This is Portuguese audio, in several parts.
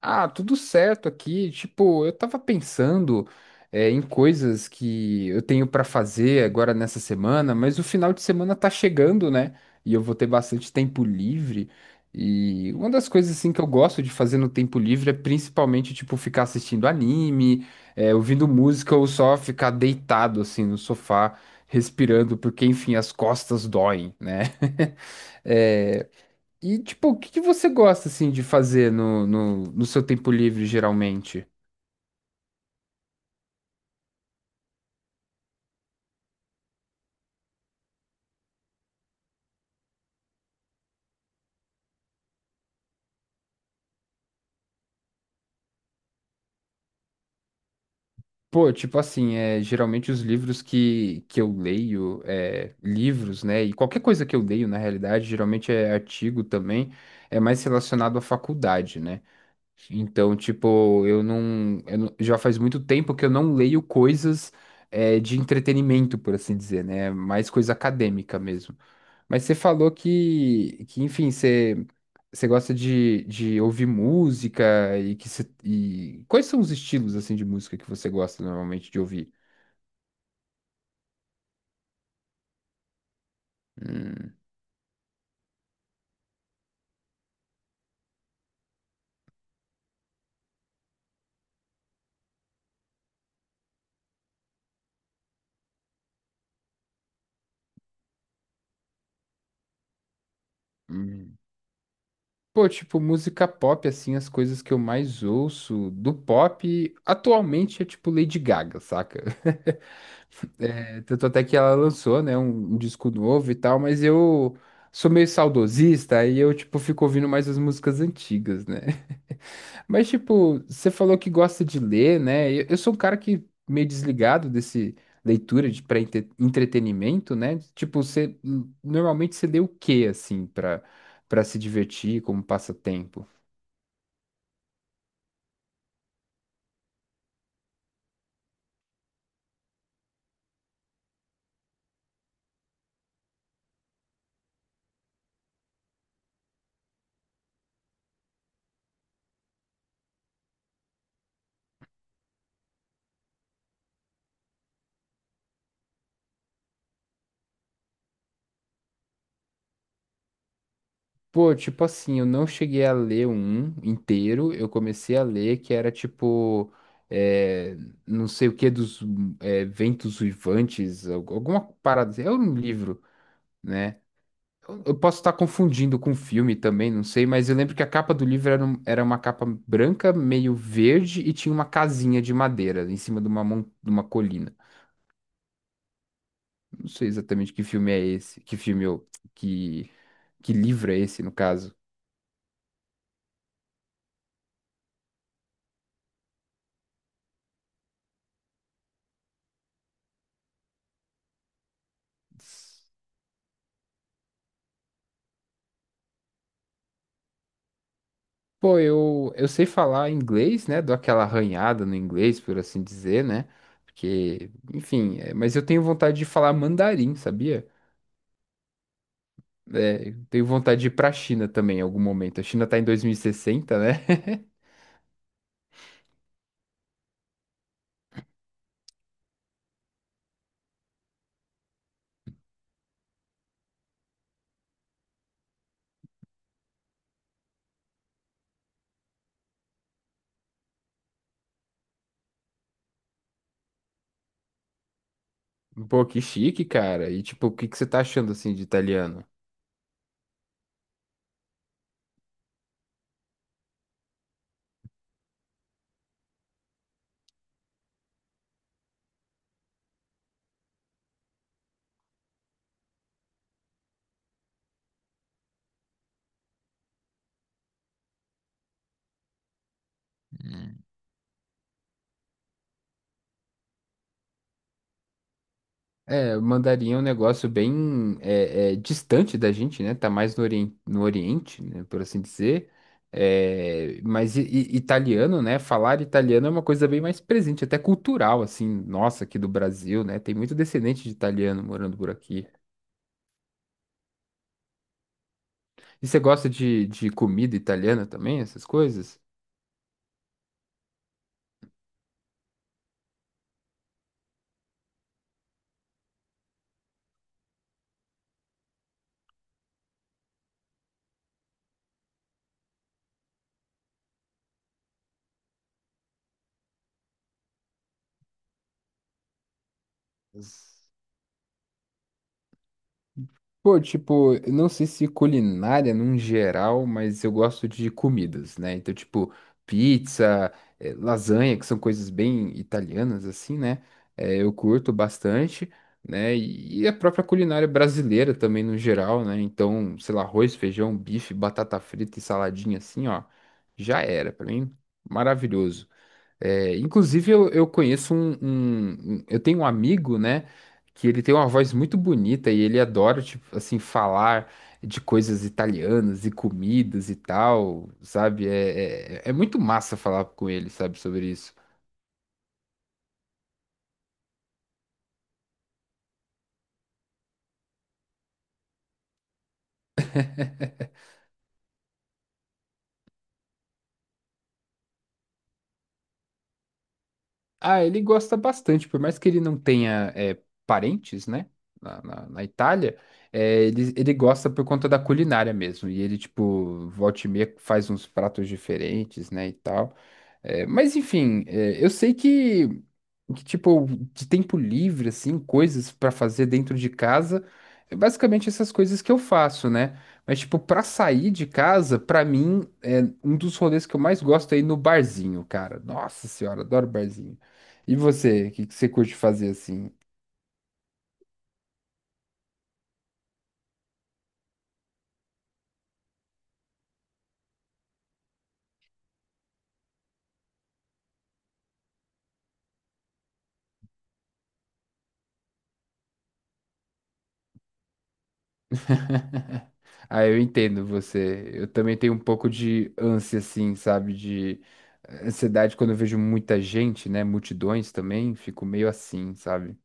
Ah, tudo certo aqui. Tipo, eu tava pensando, em coisas que eu tenho pra fazer agora nessa semana, mas o final de semana tá chegando, né? E eu vou ter bastante tempo livre. E uma das coisas assim que eu gosto de fazer no tempo livre é principalmente tipo ficar assistindo anime, ouvindo música ou só ficar deitado assim no sofá, respirando, porque enfim, as costas doem, né? É, e, tipo, o que que você gosta, assim, de fazer no seu tempo livre, geralmente? Pô, tipo assim, geralmente os livros que eu leio, livros, né, e qualquer coisa que eu leio, na realidade, geralmente é artigo também, é mais relacionado à faculdade, né? Então, tipo, eu não- já faz muito tempo que eu não leio coisas, de entretenimento, por assim dizer, né? É, mais coisa acadêmica mesmo. Mas você falou que, enfim, você. Você gosta de ouvir música e quais são os estilos assim de música que você gosta normalmente de ouvir? Hum. Hum. Pô, tipo, música pop, assim, as coisas que eu mais ouço do pop atualmente é tipo Lady Gaga, saca? É, tanto até que ela lançou, né, um disco novo e tal, mas eu sou meio saudosista, aí eu, tipo, fico ouvindo mais as músicas antigas, né? Mas, tipo, você falou que gosta de ler, né? Eu sou um cara que meio desligado desse leitura de para entretenimento, né? Tipo, você normalmente você lê o quê assim para se divertir como passatempo? Pô, tipo assim, eu não cheguei a ler um inteiro, eu comecei a ler que era tipo é, não sei o que dos ventos uivantes, alguma parada assim. É um livro, né? Eu posso estar confundindo com o filme também, não sei, mas eu lembro que a capa do livro era, era uma capa branca, meio verde, e tinha uma casinha de madeira em cima de de uma colina. Não sei exatamente que, que livro é esse, no caso. Pô, eu sei falar inglês, né? Dou aquela arranhada no inglês, por assim dizer, né? Porque, enfim, mas eu tenho vontade de falar mandarim, sabia? É, eu tenho vontade de ir pra China também em algum momento. A China tá em 2060, né? Pô, que chique, cara. E tipo, o que que você tá achando assim de italiano? Hum. É, o mandarim é um negócio bem distante da gente, né? Tá mais no Oriente, no Oriente, né? Por assim dizer. É, mas italiano, né? Falar italiano é uma coisa bem mais presente, até cultural, assim, nossa, aqui do Brasil, né? Tem muito descendente de italiano morando por aqui. E você gosta de comida italiana também, essas coisas? Pô, tipo, eu não sei se culinária num geral, mas eu gosto de comidas, né? Então, tipo, pizza, eh, lasanha, que são coisas bem italianas, assim, né? Eh, eu curto bastante, né? E a própria culinária brasileira também no geral, né? Então, sei lá, arroz, feijão, bife, batata frita e saladinha assim, ó. Já era, pra mim, maravilhoso. É, inclusive, eu conheço um, eu tenho um amigo, né? Que ele tem uma voz muito bonita e ele adora, tipo, assim, falar de coisas italianas e comidas e tal, sabe? É muito massa falar com ele, sabe, sobre isso. Ah, ele gosta bastante, por mais que ele não tenha parentes, né, na Itália, ele gosta por conta da culinária mesmo, e ele, tipo, volta e meia faz uns pratos diferentes, né, e tal. É, mas, enfim, eu sei tipo, de tempo livre, assim, coisas pra fazer dentro de casa, é basicamente essas coisas que eu faço, né? Mas, tipo, pra sair de casa, pra mim, é um dos rolês que eu mais gosto é ir no barzinho, cara. Nossa senhora, adoro barzinho. E você, o que que você curte fazer assim? Ah, eu entendo você. Eu também tenho um pouco de ânsia, assim, sabe? De ansiedade quando eu vejo muita gente, né? Multidões também, fico meio assim, sabe?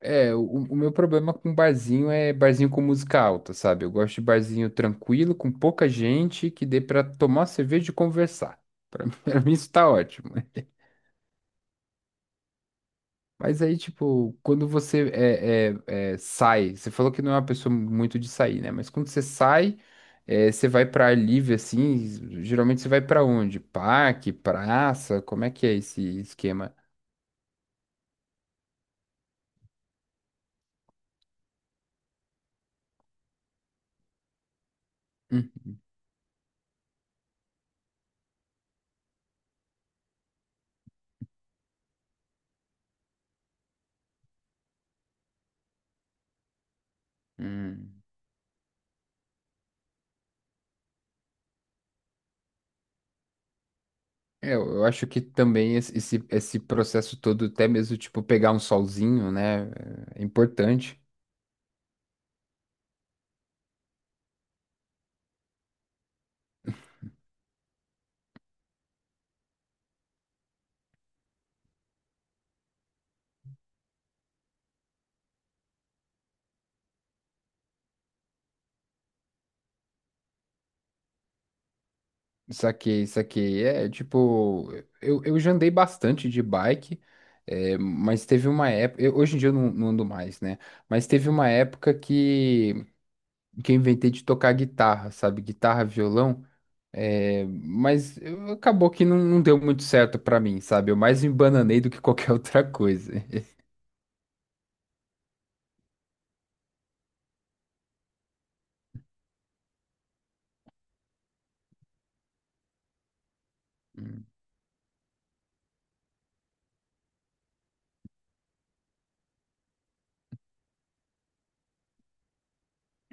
É, o meu problema com barzinho é barzinho com música alta, sabe? Eu gosto de barzinho tranquilo, com pouca gente, que dê pra tomar cerveja e conversar. Pra mim, pra mim isso tá ótimo, né? Mas aí, tipo, quando você sai, você falou que não é uma pessoa muito de sair, né? Mas quando você sai, você vai pra ar livre, assim, geralmente você vai pra onde? Parque, praça, como é que é esse esquema? Hum. Hum. É, eu acho que também esse processo todo, até mesmo, tipo, pegar um solzinho, né, é importante. Saquei, saquei. É, tipo, eu já andei bastante de bike, mas teve uma época, hoje em dia eu não ando mais, né, mas teve uma época que eu inventei de tocar guitarra, sabe, guitarra, violão, acabou que não deu muito certo pra mim, sabe, eu mais me embananei do que qualquer outra coisa.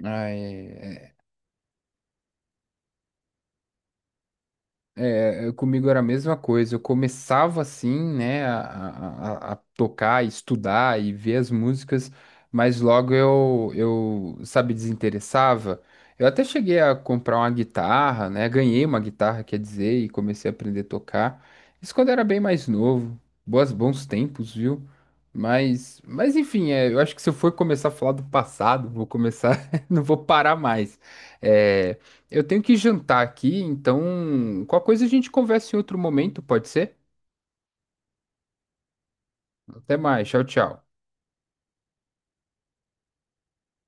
Ai, É, comigo era a mesma coisa. Eu começava assim, né, a tocar, estudar e ver as músicas, mas logo eu, sabe, desinteressava. Eu até cheguei a comprar uma guitarra, né, ganhei uma guitarra, quer dizer, e comecei a aprender a tocar. Isso quando era bem mais novo. Bons tempos, viu? Mas, enfim, eu acho que se eu for começar a falar do passado, vou começar, não vou parar mais. É, eu tenho que jantar aqui, então qualquer coisa a gente conversa em outro momento, pode ser? Até mais, tchau, tchau.